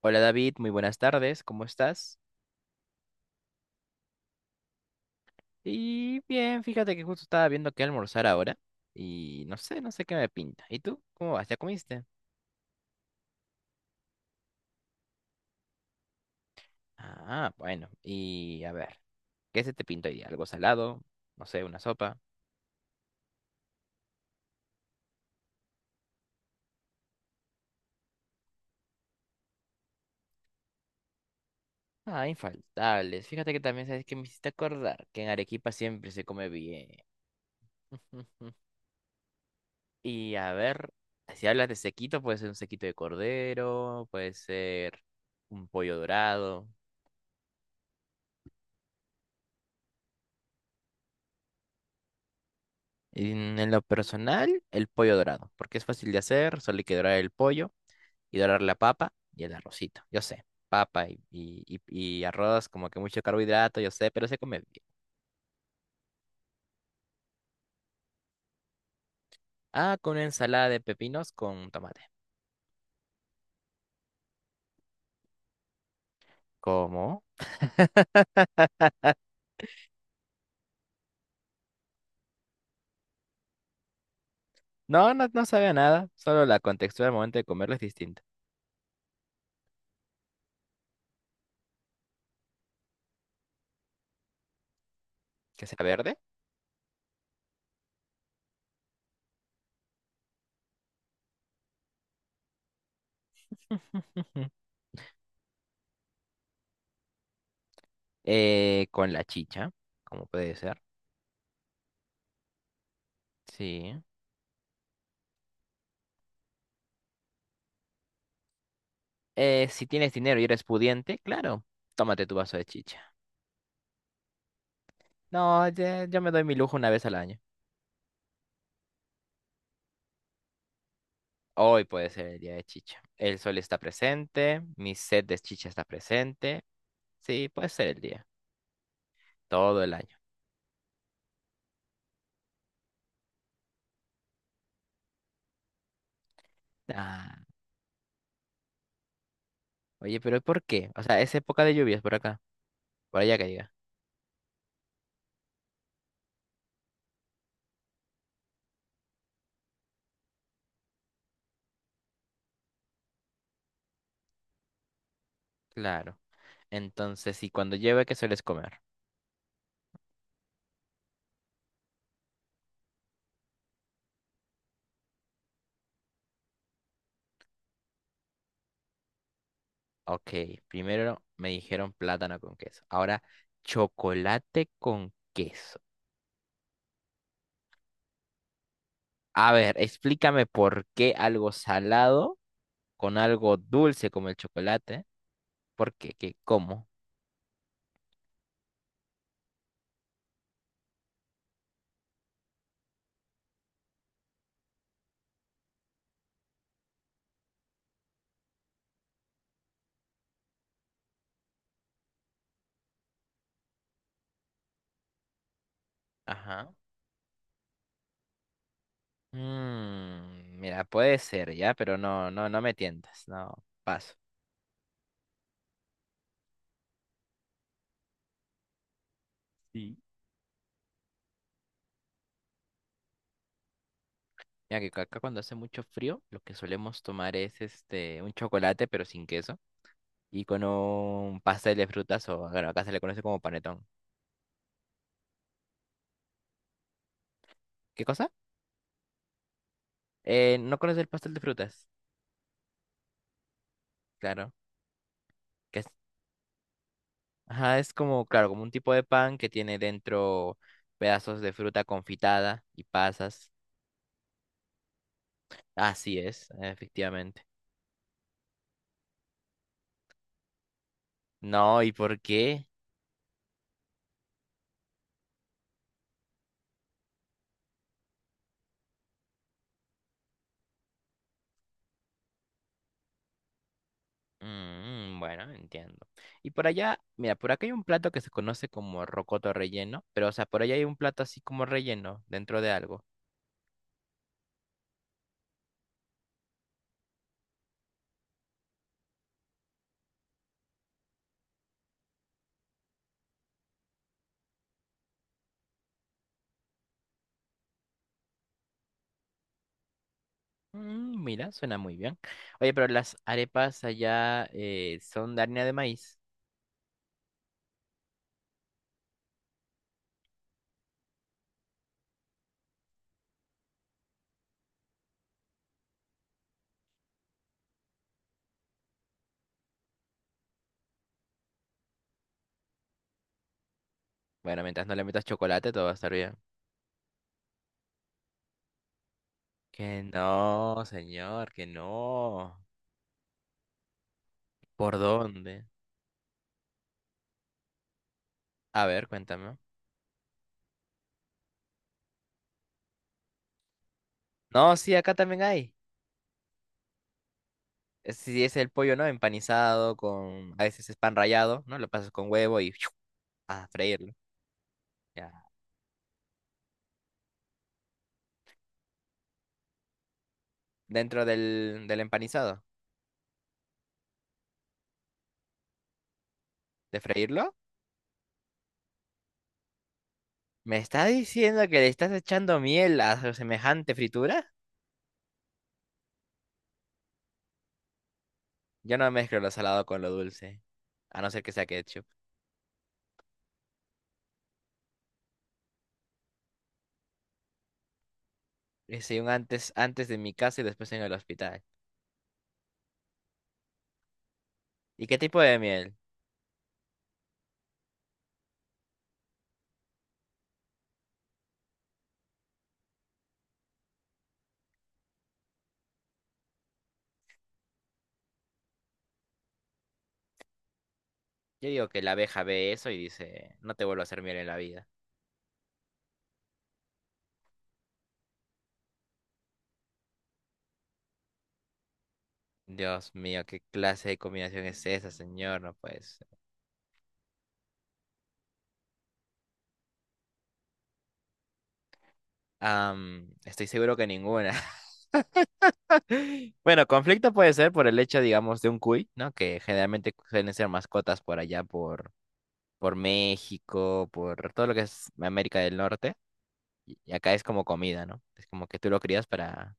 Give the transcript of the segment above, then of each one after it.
Hola David, muy buenas tardes, ¿cómo estás? Y bien, fíjate que justo estaba viendo qué almorzar ahora y no sé qué me pinta. ¿Y tú? ¿Cómo vas? ¿Ya comiste? Ah, bueno, y a ver, ¿qué se te pinta hoy día? ¿Algo salado? No sé, una sopa. Ah, infaltables. Fíjate que también sabes que me hiciste acordar que en Arequipa siempre se come bien. Y a ver, si hablas de sequito, puede ser un sequito de cordero, puede ser un pollo dorado. En lo personal, el pollo dorado, porque es fácil de hacer, solo hay que dorar el pollo y dorar la papa y el arrocito. Yo sé, papa y y- arroz, como que mucho carbohidrato, yo sé, pero se come bien. Ah, con una ensalada de pepinos con tomate. ¿Cómo? No, no sabe a nada, solo la contextura al momento de comerlo es distinta. Que sea verde. Ujú. Con la chicha, como puede ser. Sí. Si tienes dinero y eres pudiente, claro, tómate tu vaso de chicha. No, yo me doy mi lujo una vez al año. Hoy puede ser el día de chicha. El sol está presente, mi sed de chicha está presente. Sí, puede ser el día, todo el año. Ah, oye, pero ¿por qué? O sea, es época de lluvias por acá, por allá que diga. Claro. Entonces, si cuando llueve, ¿qué sueles comer? Ok, primero me dijeron plátano con queso. Ahora, chocolate con queso. A ver, explícame por qué algo salado con algo dulce como el chocolate. ¿Por qué? ¿Qué? ¿Cómo? Ajá. Mm, mira, puede ser ya, pero no, no me tientas, no, paso. Sí. Mira que acá cuando hace mucho frío, lo que solemos tomar es este un chocolate pero sin queso y con un pastel de frutas o bueno, acá se le conoce como panetón. ¿Qué cosa? ¿No conoces el pastel de frutas? Claro, que es, ajá, es como claro, como un tipo de pan que tiene dentro pedazos de fruta confitada y pasas. Así es, efectivamente. No, ¿y por qué? Mm, mm, bueno, entiendo. Y por allá, mira, por acá hay un plato que se conoce como rocoto relleno, pero o sea, por allá hay un plato así como relleno dentro de algo. Mm, mira, suena muy bien. Oye, pero las arepas allá son de harina de maíz. Bueno, mientras no le metas chocolate, todo va a estar bien. Que no, señor, que no. ¿Por dónde? A ver, cuéntame. No, sí, acá también hay. Es Si es el pollo, ¿no? Empanizado con, a veces es pan rallado, ¿no? Lo pasas con huevo y a freírlo. Dentro del, del empanizado, De freírlo. ¿Me estás diciendo que le estás echando miel a semejante fritura? Yo no mezclo lo salado con lo dulce, a no ser que sea ketchup. Hice un antes, antes de mi casa y después en el hospital. ¿Y qué tipo de miel? Yo digo que la abeja ve eso y dice, no te vuelvo a hacer miel en la vida. Dios mío, ¿qué clase de combinación es esa, señor? No pues. Estoy seguro que ninguna. Bueno, conflicto puede ser por el hecho, digamos, de un cuy, ¿no? Que generalmente suelen ser mascotas por allá, por México, por todo lo que es América del Norte. Y acá es como comida, ¿no? Es como que tú lo crías para,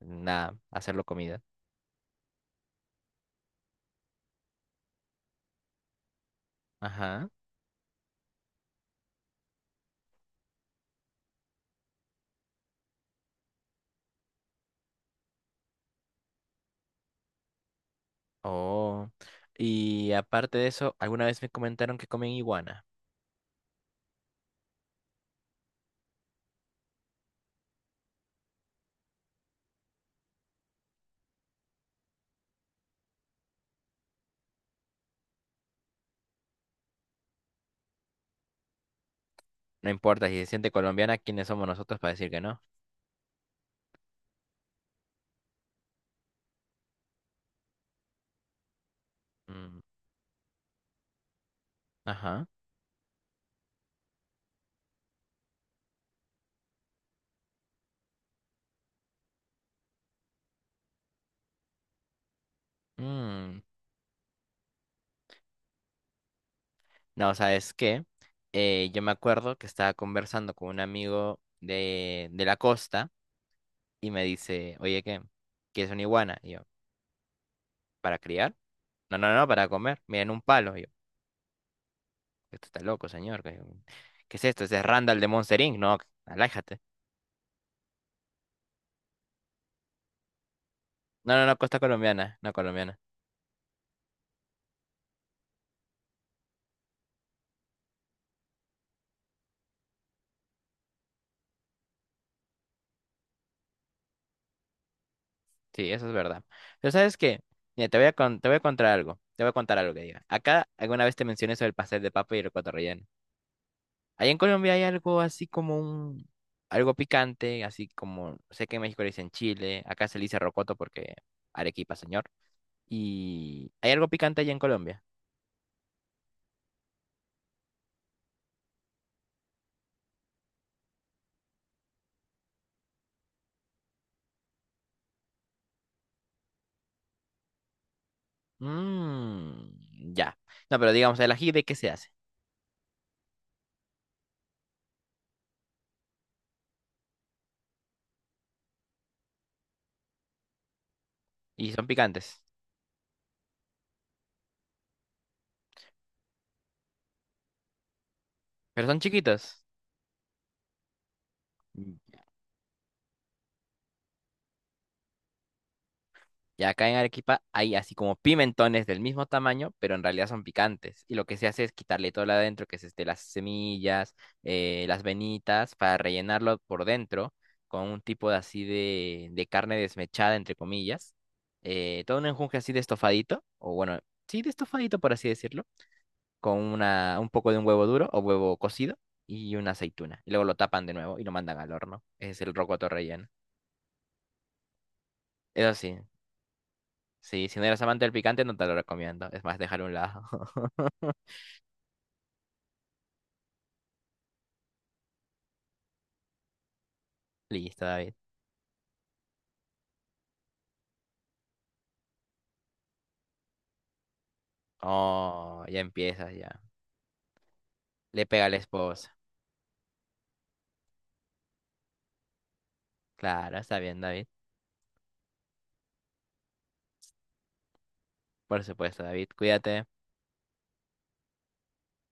nada, hacerlo comida. Ajá. Oh. Y aparte de eso, alguna vez me comentaron que comen iguana. No importa, si se siente colombiana, ¿quiénes somos nosotros para decir que no? Mm. Ajá. Mm. No, sabes que yo me acuerdo que estaba conversando con un amigo de la costa y me dice, oye, ¿qué? ¿Quieres una iguana? Y yo, ¿para criar? No, no, no, para comer. Miren un palo. Y yo, esto está loco, señor. ¿Qué, qué es esto? Ese es Randall de Monster Inc. No, alájate. No, no, no, costa colombiana, no colombiana. Sí, eso es verdad. Pero ¿sabes qué? Mira, te voy a contar algo. Te voy a contar algo que diga. Acá alguna vez te mencioné sobre el pastel de papa y el cotorrelleno. Allá en Colombia hay algo así como un, algo picante, así como, sé que en México le dicen chile, acá se le dice rocoto porque Arequipa, señor. Y hay algo picante allá en Colombia. Mmm, ya. No, pero digamos, el ají de qué se hace. Y son picantes, pero son chiquitos. Y acá en Arequipa hay así como pimentones del mismo tamaño, pero en realidad son picantes. Y lo que se hace es quitarle todo lo adentro, que es este, las semillas, las venitas, para rellenarlo por dentro con un tipo de así de carne desmechada, entre comillas. Todo un enjunje así de estofadito, o bueno, sí, de estofadito, por así decirlo, con una, un poco de un huevo duro o huevo cocido y una aceituna. Y luego lo tapan de nuevo y lo mandan al horno. Ese es el rocoto relleno. Eso sí, sí, si no eres amante del picante, no te lo recomiendo. Es más, dejar a un lado. Listo, David. Oh, ya empiezas ya. Le pega a la esposa. Claro, está bien, David. Por supuesto, David. Cuídate.